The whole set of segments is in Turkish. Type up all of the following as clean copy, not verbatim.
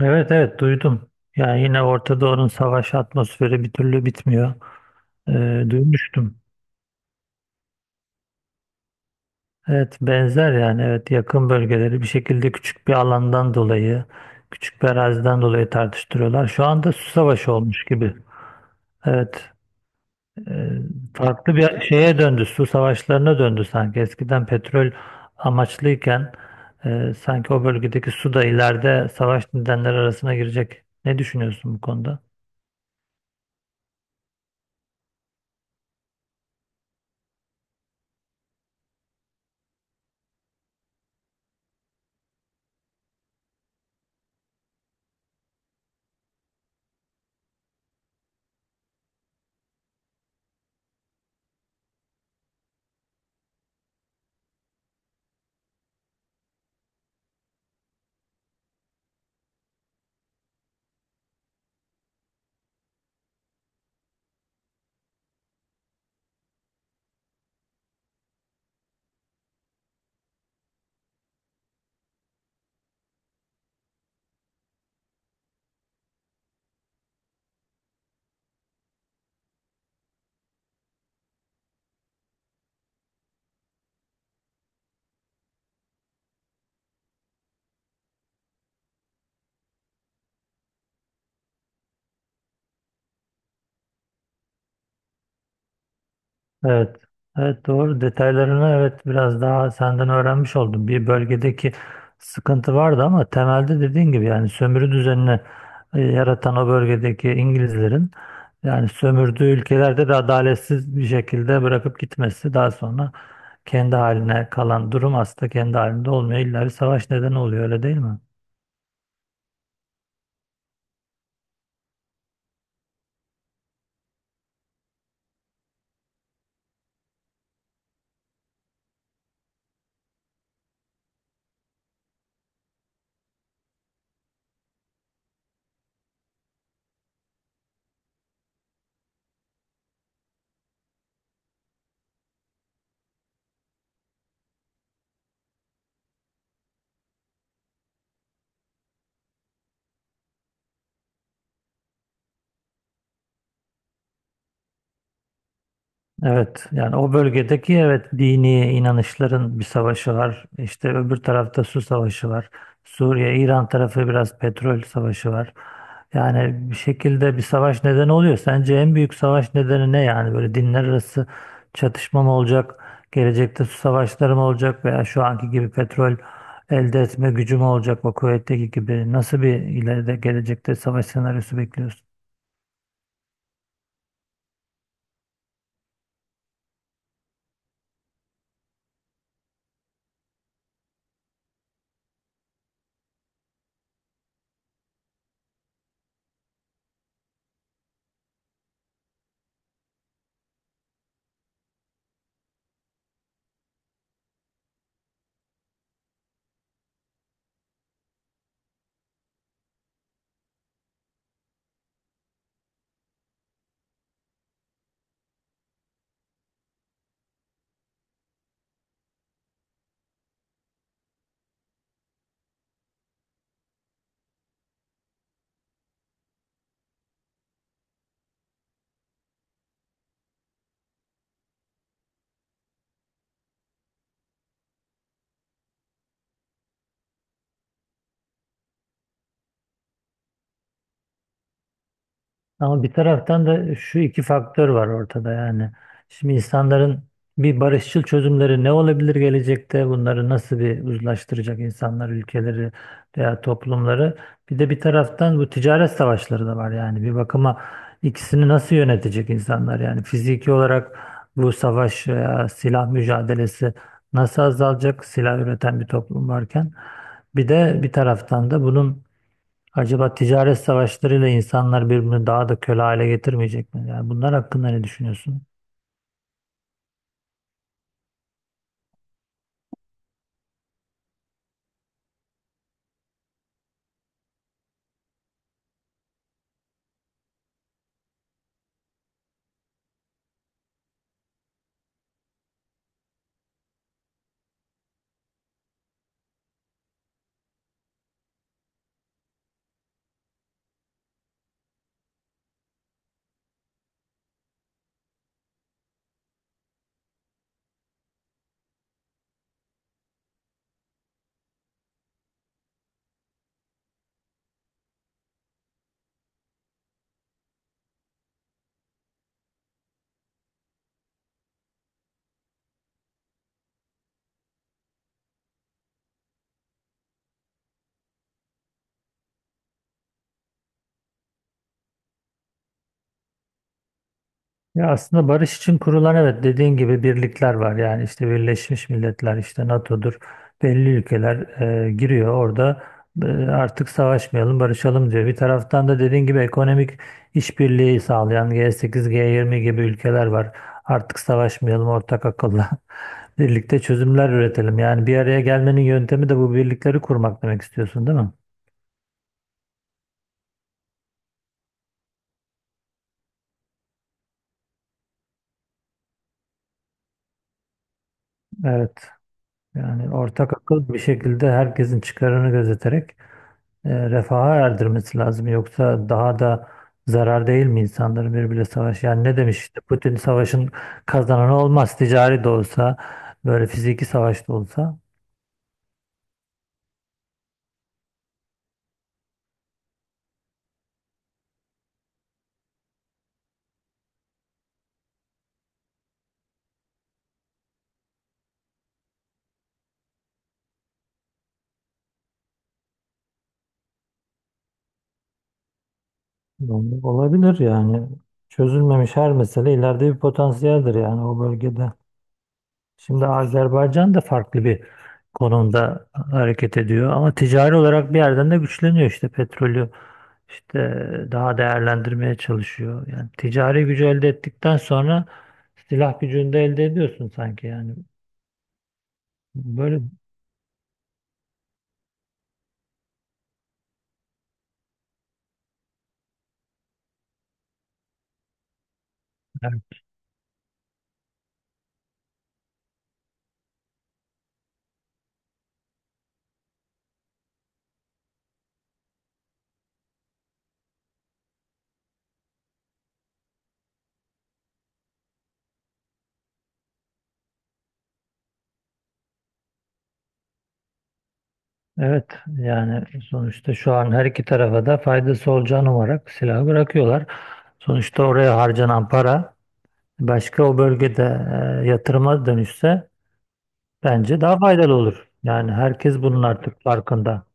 Evet, evet, duydum. Yani yine Orta Doğu'nun savaş atmosferi bir türlü bitmiyor. Duymuştum. Evet, benzer yani, evet, yakın bölgeleri bir şekilde küçük bir alandan dolayı, küçük bir araziden dolayı tartıştırıyorlar. Şu anda su savaşı olmuş gibi. Evet e, Farklı bir şeye döndü, su savaşlarına döndü sanki. Eskiden petrol amaçlıyken sanki o bölgedeki su da ileride savaş nedenleri arasına girecek. Ne düşünüyorsun bu konuda? Evet. Evet, doğru. Detaylarını, evet, biraz daha senden öğrenmiş oldum. Bir bölgedeki sıkıntı vardı ama temelde dediğin gibi yani sömürü düzenini yaratan o bölgedeki İngilizlerin yani sömürdüğü ülkelerde de adaletsiz bir şekilde bırakıp gitmesi, daha sonra kendi haline kalan durum aslında kendi halinde olmuyor. İlla bir savaş nedeni oluyor, öyle değil mi? Evet, yani o bölgedeki, evet, dini inanışların bir savaşı var. İşte öbür tarafta su savaşı var. Suriye, İran tarafı biraz petrol savaşı var. Yani bir şekilde bir savaş nedeni oluyor. Sence en büyük savaş nedeni ne yani? Böyle dinler arası çatışma mı olacak? Gelecekte su savaşları mı olacak? Veya şu anki gibi petrol elde etme gücü mü olacak o kuvvetteki gibi? Nasıl bir ileride gelecekte savaş senaryosu bekliyorsun? Ama bir taraftan da şu iki faktör var ortada yani. Şimdi insanların bir barışçıl çözümleri ne olabilir gelecekte? Bunları nasıl bir uzlaştıracak insanlar, ülkeleri veya toplumları? Bir de bir taraftan bu ticaret savaşları da var yani. Bir bakıma ikisini nasıl yönetecek insanlar? Yani fiziki olarak bu savaş veya silah mücadelesi nasıl azalacak silah üreten bir toplum varken? Bir de bir taraftan da bunun acaba ticaret savaşlarıyla insanlar birbirini daha da köle hale getirmeyecek mi? Yani bunlar hakkında ne düşünüyorsun? Ya aslında barış için kurulan, evet, dediğin gibi birlikler var. Yani işte Birleşmiş Milletler, işte NATO'dur. Belli ülkeler giriyor orada. E, artık savaşmayalım, barışalım diyor. Bir taraftan da dediğin gibi ekonomik işbirliği sağlayan G8, G20 gibi ülkeler var. Artık savaşmayalım ortak akılla. Birlikte çözümler üretelim. Yani bir araya gelmenin yöntemi de bu birlikleri kurmak demek istiyorsun, değil mi? Evet. Yani ortak akıl bir şekilde herkesin çıkarını gözeterek refaha erdirmesi lazım. Yoksa daha da zarar değil mi insanların birbiriyle savaş? Yani ne demiş işte Putin, savaşın kazananı olmaz. Ticari de olsa böyle fiziki savaş da olsa yani olabilir yani. Çözülmemiş her mesele ileride bir potansiyeldir yani o bölgede. Şimdi Azerbaycan da farklı bir konumda hareket ediyor ama ticari olarak bir yerden de güçleniyor, işte petrolü işte daha değerlendirmeye çalışıyor. Yani ticari gücü elde ettikten sonra silah gücünü de elde ediyorsun sanki yani. Böyle evet yani, sonuçta şu an her iki tarafa da faydası olacağını umarak silahı bırakıyorlar. Sonuçta oraya harcanan para başka o bölgede yatırıma dönüşse bence daha faydalı olur. Yani herkes bunun artık farkında.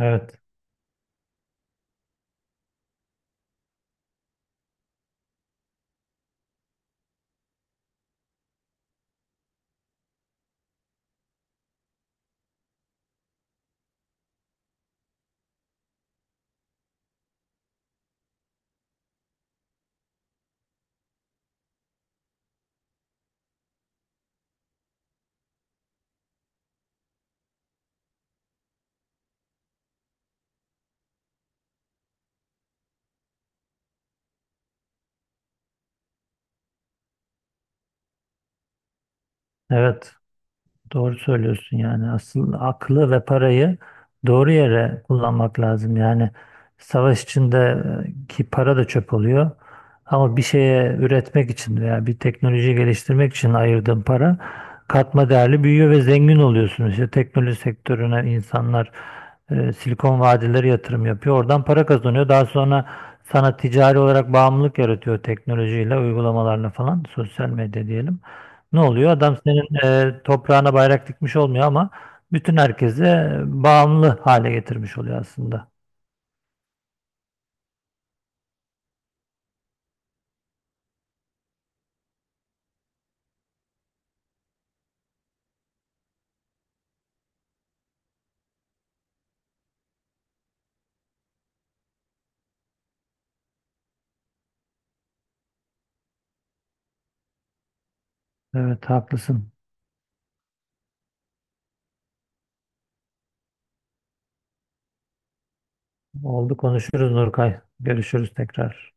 Evet. Evet. Doğru söylüyorsun, yani asıl aklı ve parayı doğru yere kullanmak lazım. Yani savaş içindeki para da çöp oluyor. Ama bir şeye üretmek için veya bir teknoloji geliştirmek için ayırdığın para katma değerli büyüyor ve zengin oluyorsun. İşte teknoloji sektörüne insanlar Silikon Vadileri yatırım yapıyor. Oradan para kazanıyor. Daha sonra sana ticari olarak bağımlılık yaratıyor teknolojiyle, uygulamalarla falan, sosyal medya diyelim. Ne oluyor? Adam senin toprağına bayrak dikmiş olmuyor ama bütün herkese bağımlı hale getirmiş oluyor aslında. Evet, haklısın. Oldu, konuşuruz Nurkay. Görüşürüz tekrar.